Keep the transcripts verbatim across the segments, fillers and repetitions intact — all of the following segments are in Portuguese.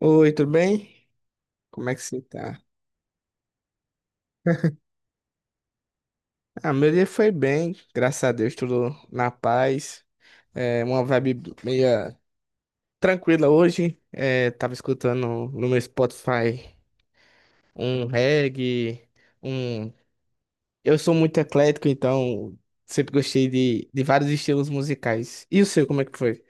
Oi, tudo bem? Como é que você tá? Ah, meu dia foi bem, graças a Deus, tudo na paz. É uma vibe meia tranquila hoje. É, tava escutando no meu Spotify um reggae, um. Eu sou muito eclético, então sempre gostei de, de vários estilos musicais. E o seu, como é que foi?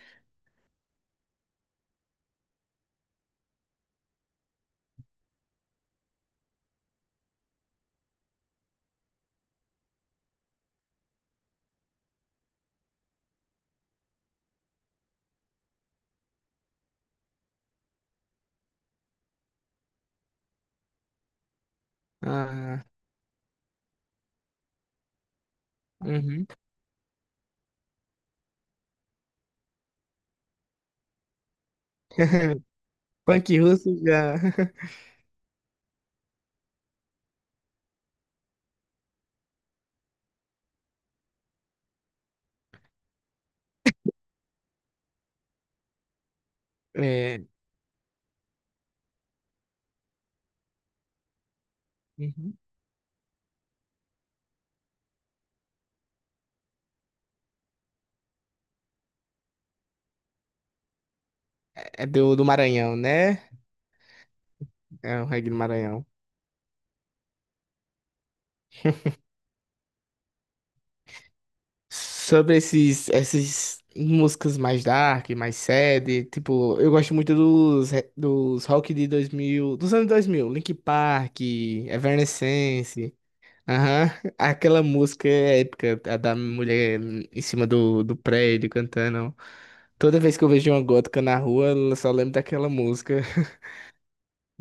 Ah, uhum. Punk russo já. É, uhum. É do, do Maranhão, né? É o reggae do Maranhão. Sobre esses, essas músicas mais dark, mais sad, tipo, eu gosto muito dos, re- dos rock de dois mil, dos anos dois mil, Linkin Park, Evanescence, aham. Aquela música épica, a da mulher em cima do, do prédio cantando. Toda vez que eu vejo uma gótica na rua, eu só lembro daquela música.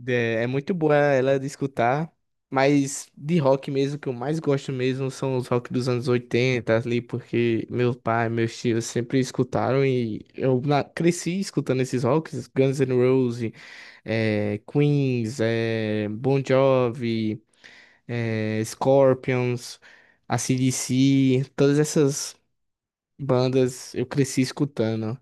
É, é muito boa ela de escutar, mas de rock mesmo, que eu mais gosto mesmo são os rock dos anos oitenta ali, porque meu pai, meus tios sempre escutaram e eu na- cresci escutando esses rocks, Guns N' Roses, é Queens, é Bon Jovi, é Scorpions, A C/D C, todas essas bandas eu cresci escutando.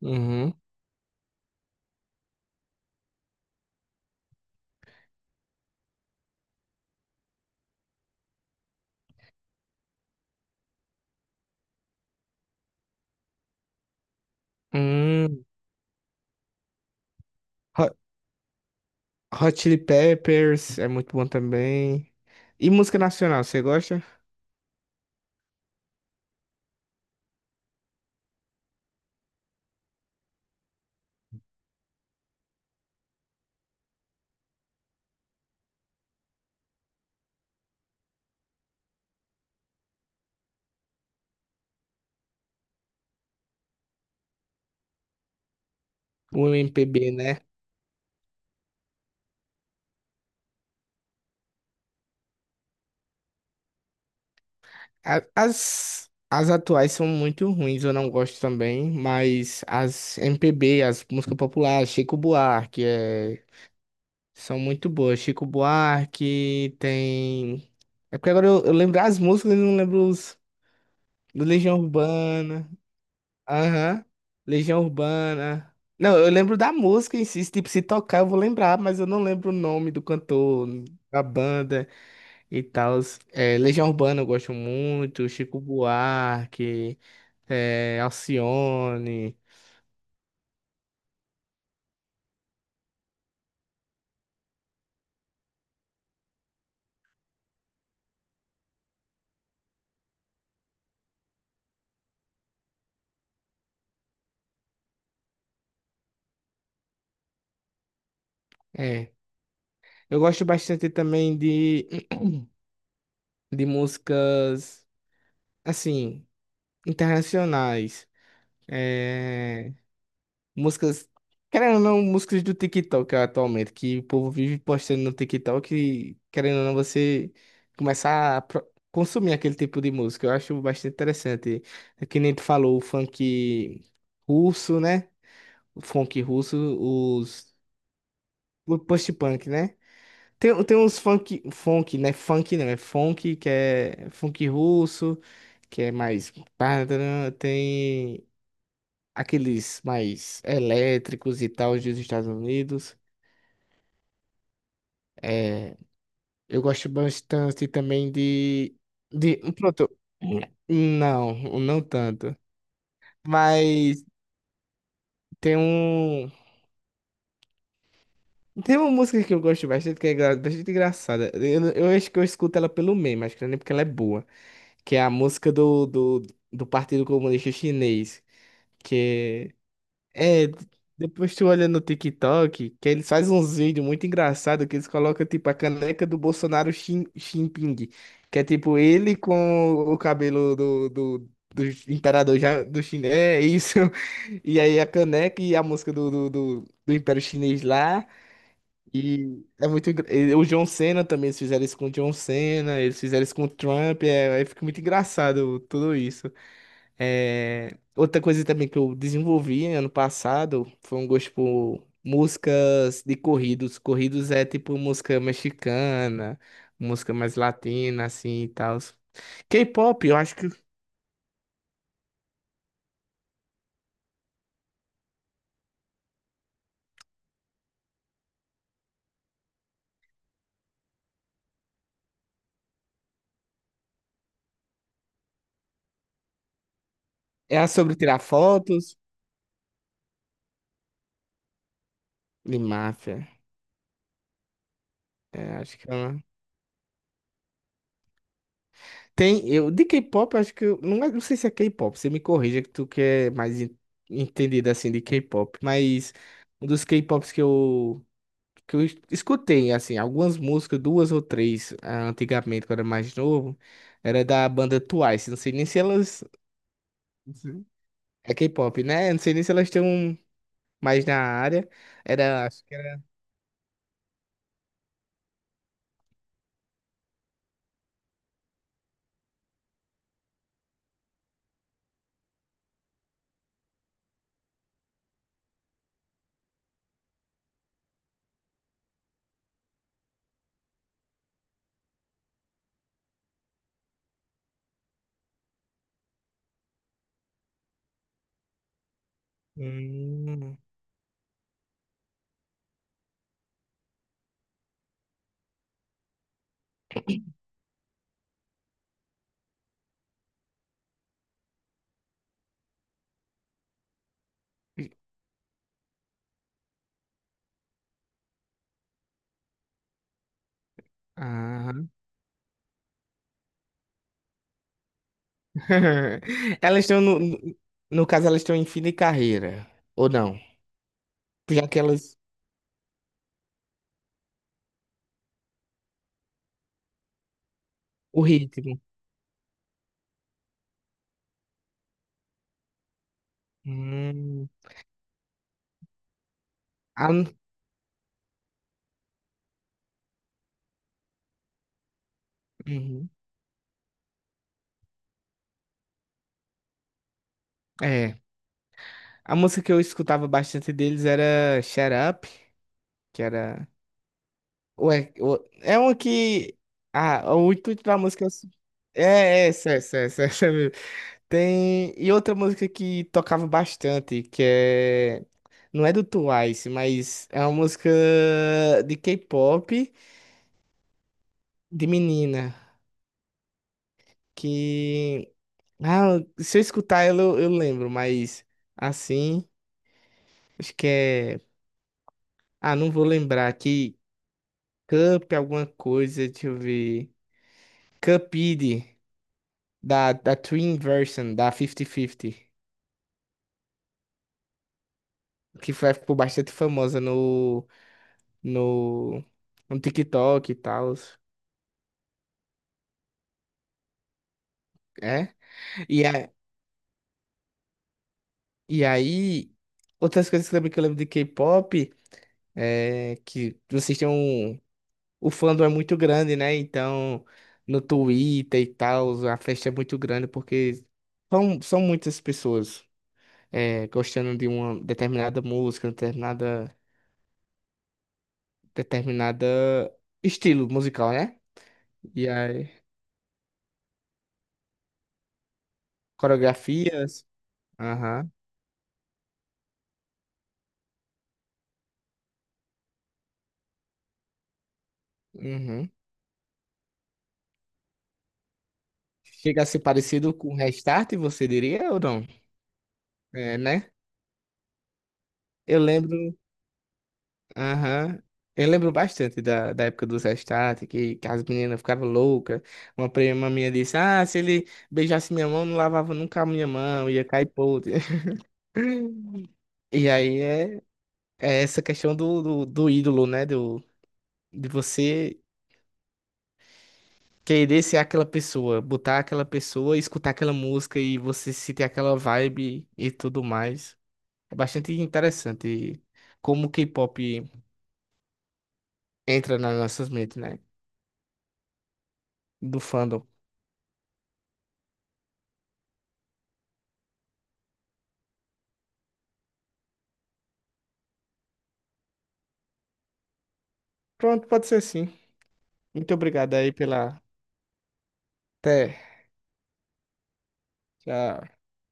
Uhum. Hum. Hot Chili Peppers é muito bom também. E música nacional, você gosta? O M P B, né? A- As, as atuais são muito ruins, eu não gosto também, mas as M P B, as músicas populares, Chico Buarque, é, são muito boas. Chico Buarque tem. É porque agora eu, eu lembro as músicas e não lembro os do Legião Urbana. Aham. Legião Urbana. Não, eu lembro da música em si, tipo, se tocar eu vou lembrar, mas eu não lembro o nome do cantor, da banda e tal. É, Legião Urbana eu gosto muito, Chico Buarque, é, Alcione. É. Eu gosto bastante também de, de músicas, assim, internacionais. é Músicas, querendo ou não, músicas do TikTok atualmente, que o povo vive postando no TikTok e, querendo ou não, você começar a pro- consumir aquele tipo de música. Eu acho bastante interessante. É que nem tu falou, o funk russo, né? O funk russo, os. O post-punk, né? Tem, tem uns funk, funk, né? Funk não, é funk, que é funk russo, que é mais. Tem aqueles mais elétricos e tal dos Estados Unidos. É, eu gosto bastante também de, de. Um, pronto. Não, não tanto. Mas tem um. Tem uma música que eu gosto bastante, que é gra- bastante engraçada. Eu, eu acho que eu escuto ela pelo meme, acho que não é nem porque ela é boa. Que é a música do, do, do Partido Comunista Chinês. Que é É, depois tu olha no TikTok, que eles fazem uns vídeos muito engraçados, que eles colocam, tipo, a caneca do Bolsonaro Xi Xi Jinping, que é, tipo, ele com o cabelo do, do, do imperador já, do chinês, é isso. E aí a caneca e a música do, do, do, do Império Chinês lá, e é muito. Engra- e o John Cena também, eles fizeram isso com o John Cena, eles fizeram isso com o Trump, é, aí fica muito engraçado tudo isso. É, outra coisa também que eu desenvolvi ano passado foi um gosto por músicas de corridos. Corridos é tipo música mexicana, música mais latina, assim e tal. K-pop, eu acho que é a sobre tirar fotos de máfia. É, acho que é uma. Tem, eu, de K-pop, eu acho que, eu- não, é- não sei se é K-pop, você me corrija que tu que é mais en- entendido, assim, de K-pop, mas um dos K-pops que eu que eu es- escutei, assim, algumas músicas, duas ou três, ah, antigamente, quando era mais novo, era da banda Twice. Não sei nem se elas. Sim. É K-pop, né? Não sei nem se elas estão mais na área. Era. Acho que era. Hum, ah. Elas estão no. No no caso, elas estão em fim de carreira. Ou não? Já que elas. O ritmo. Hum. A, uhum. É. A música que eu escutava bastante deles era Shut Up, que era. Ué, o- é uma que. Ah, o intuito da música. É, é, é, essa, essa, essa, essa mesmo. Tem. E outra música que tocava bastante, que é. Não é do Twice, mas é uma música de K-pop de menina. Que. Ah, se eu escutar ela, eu, eu lembro, mas assim. Acho que é. Ah, não vou lembrar. Que Cup, alguma coisa, deixa eu ver. Cupid. da, da Twin Version, da fifty fifty, que foi, ficou bastante famosa no, no, no TikTok e tal. É? E, a, e aí, outras coisas que eu lembro que eu lembro de K-pop é que vocês têm um. O fandom é muito grande, né? Então, no Twitter e tal, a festa é muito grande porque são, são muitas pessoas é, gostando de uma determinada música, determinada, determinada estilo musical, né? E aí, coreografias? Aham. Uhum. Chega a ser parecido com Restart, você diria ou não? É, né? Eu lembro. Aham. Eu lembro bastante da, da época do Restart, que, que as meninas ficavam loucas. Uma prima minha disse: Ah, se ele beijasse minha mão, não lavava nunca a minha mão, ia cair podre. E aí é, é essa questão do, do, do ídolo, né? Do, de você querer ser aquela pessoa, botar aquela pessoa, escutar aquela música e você sentir aquela vibe e tudo mais. É bastante interessante como o K-pop entra nas nossas mentes, né? Do fandom. Pronto, pode ser sim. Muito obrigado aí pela. Até. Tchau.